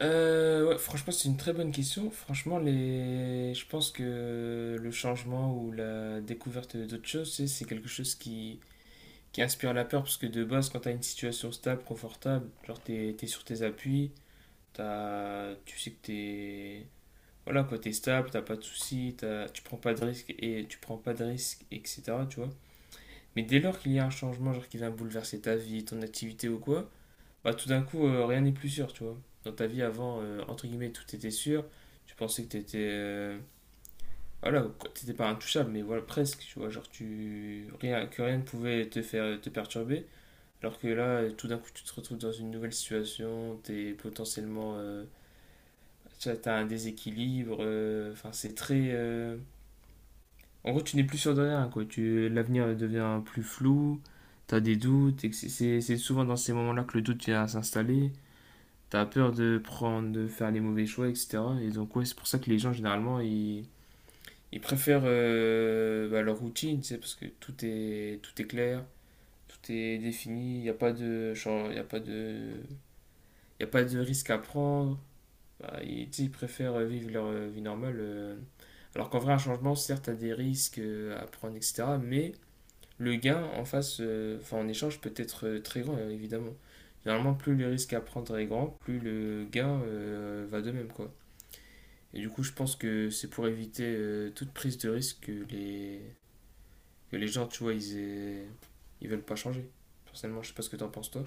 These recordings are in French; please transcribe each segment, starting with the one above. Ouais, franchement, c'est une très bonne question. Franchement, je pense que le changement ou la découverte d'autres choses, c'est quelque chose qui inspire la peur, parce que de base, quand t'as une situation stable, confortable, genre t'es sur tes appuis, tu sais que voilà quoi, t'es stable, t'as pas de soucis, tu prends pas de risques et tu prends pas de risques, etc. Tu vois. Mais dès lors qu'il y a un changement, genre qui vient bouleverser ta vie, ton activité ou quoi, bah, tout d'un coup, rien n'est plus sûr, tu vois. Dans ta vie avant, entre guillemets, tout était sûr. Tu pensais que t'étais. Voilà, que t'étais pas intouchable, mais voilà, presque, tu vois. Genre, tu, rien, que rien ne pouvait te faire te perturber. Alors que là, tout d'un coup, tu te retrouves dans une nouvelle situation, t'es potentiellement. Tu vois, t'as un déséquilibre. Enfin, c'est très. En gros, tu n'es plus sûr de rien, quoi. L'avenir devient plus flou, t'as des doutes, et que c'est souvent dans ces moments-là que le doute vient à s'installer. T'as peur de prendre, de faire les mauvais choix, etc. Et donc, ouais, c'est pour ça que les gens, généralement, ils préfèrent bah, leur routine, tu sais, parce que tout est clair, tout est défini, il n'y a pas de, chan- y a pas de risque à prendre. Bah, tu sais, ils préfèrent vivre leur vie normale. Alors qu'en vrai, un changement, certes, t'as des risques à prendre, etc. Mais le gain en face, enfin en échange peut être très grand, évidemment. Généralement, plus le risque à prendre est grand, plus le gain va de même, quoi. Et du coup, je pense que c'est pour éviter toute prise de risque que les gens, tu vois, ils veulent pas changer. Personnellement, je sais pas ce que t'en penses, toi.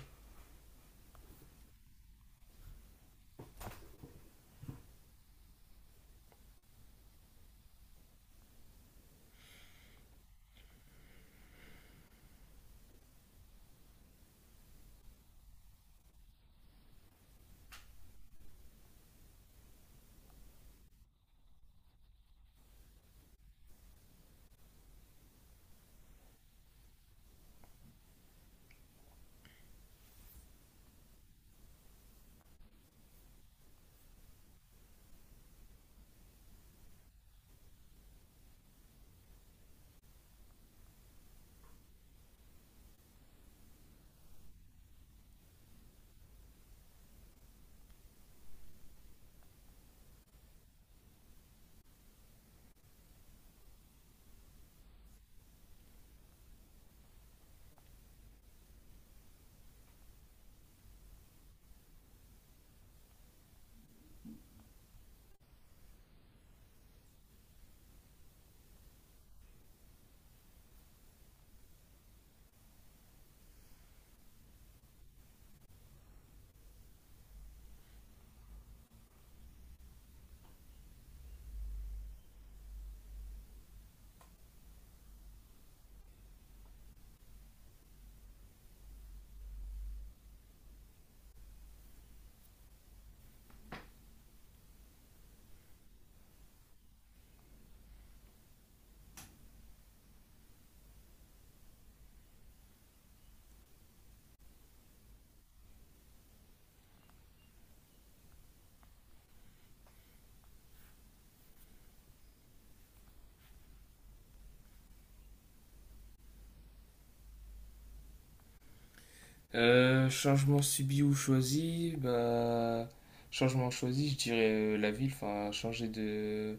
Changement subi ou choisi, Changement choisi, je dirais la ville, enfin,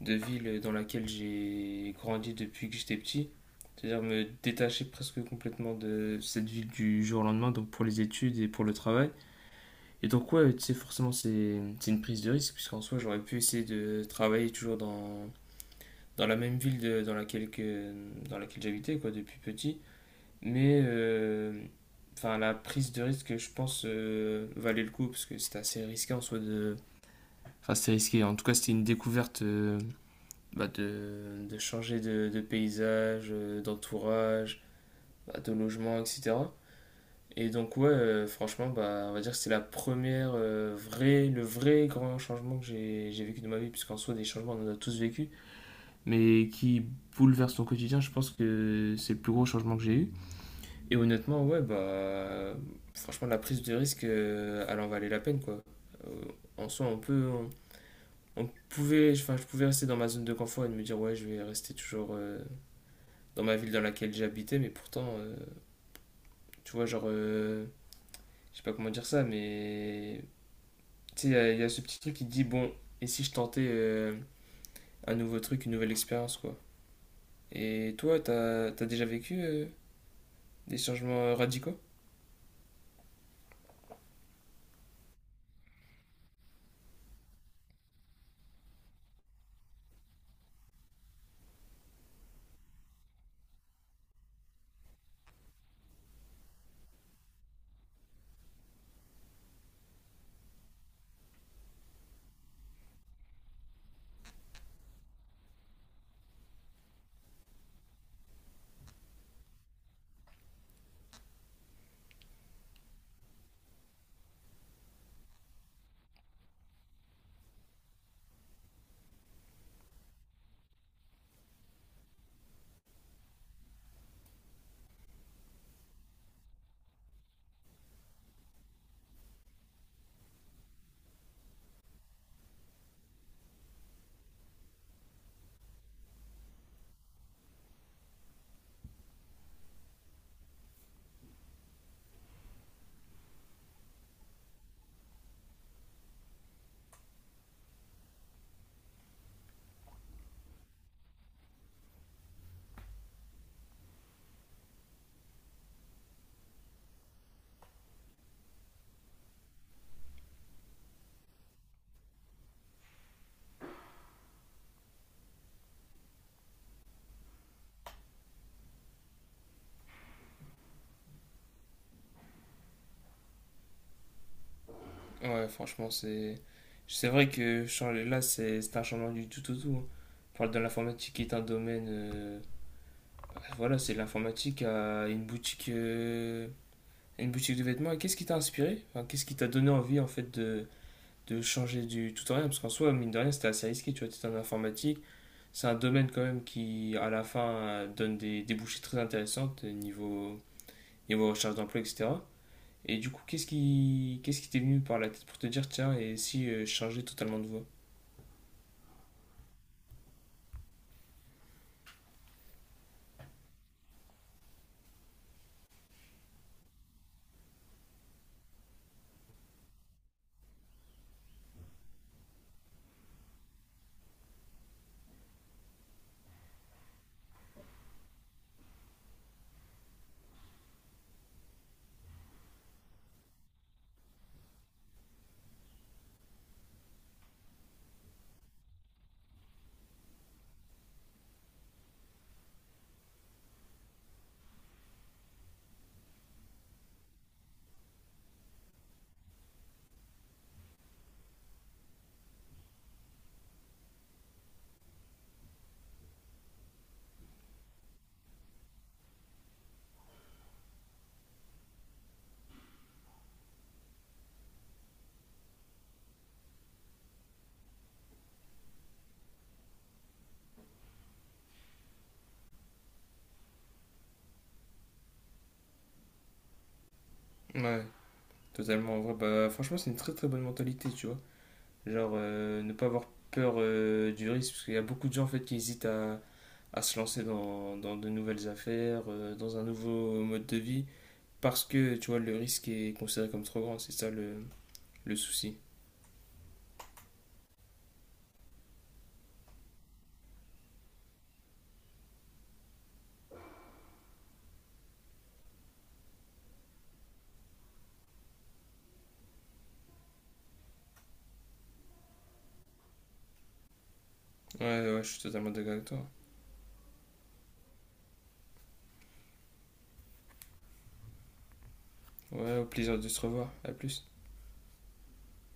de ville dans laquelle j'ai grandi depuis que j'étais petit. C'est-à-dire me détacher presque complètement de cette ville du jour au lendemain, donc pour les études et pour le travail. Et donc, ouais, tu sais, forcément, c'est une prise de risque, puisqu'en soi, j'aurais pu essayer de travailler toujours dans la même dans laquelle j'habitais, quoi, depuis petit. Mais, enfin, la prise de risque, je pense, valait le coup, parce que c'était assez risqué en soi Enfin, c'était risqué. En tout cas, c'était une découverte bah, changer de paysage, d'entourage, bah, de logement, etc. Et donc ouais, franchement, bah, on va dire que c'est la première vraie, le vrai grand changement que j'ai vécu de ma vie, puisqu'en soi des changements on en a tous vécu, mais qui bouleverse ton quotidien, je pense que c'est le plus gros changement que j'ai eu. Et honnêtement, ouais, bah franchement la prise de risque, elle en valait la peine quoi. Euh, en soi, on pouvait, enfin je pouvais rester dans ma zone de confort et de me dire ouais, je vais rester toujours dans ma ville dans laquelle j'habitais, mais pourtant, tu vois, genre, je sais pas comment dire ça, mais tu sais, il y a ce petit truc qui te dit, bon, et si je tentais un nouveau truc, une nouvelle expérience, quoi. Et toi, t'as déjà vécu des changements radicaux? Ouais, franchement, c'est. C'est vrai que changer là, c'est un changement du tout au tout. Hein. On parle de l'informatique qui est un domaine. Bah, voilà, c'est l'informatique à une boutique de vêtements. Et qu'est-ce qui t'a inspiré? Enfin, qu'est-ce qui t'a donné envie en fait de changer du tout en rien, parce qu'en soi, mine de rien, c'était assez risqué, tu vois, t'es en informatique, c'est un domaine quand même qui, à la fin, donne des débouchés très intéressantes niveau recherche d'emploi, etc. Et du coup, qu'est-ce qui t'est venu par la tête pour te dire, tiens, et si je changeais totalement de voie? Ouais. Totalement, en vrai, bah, franchement, c'est une très très bonne mentalité, tu vois. Genre, ne pas avoir peur du risque, parce qu'il y a beaucoup de gens, en fait, à se lancer dans de nouvelles affaires, dans un nouveau mode de vie. Parce que, tu vois, le risque est considéré comme trop grand, c'est ça le souci. Ouais, ouais, je suis totalement d'accord avec toi. Ouais, au plaisir de se revoir. À plus.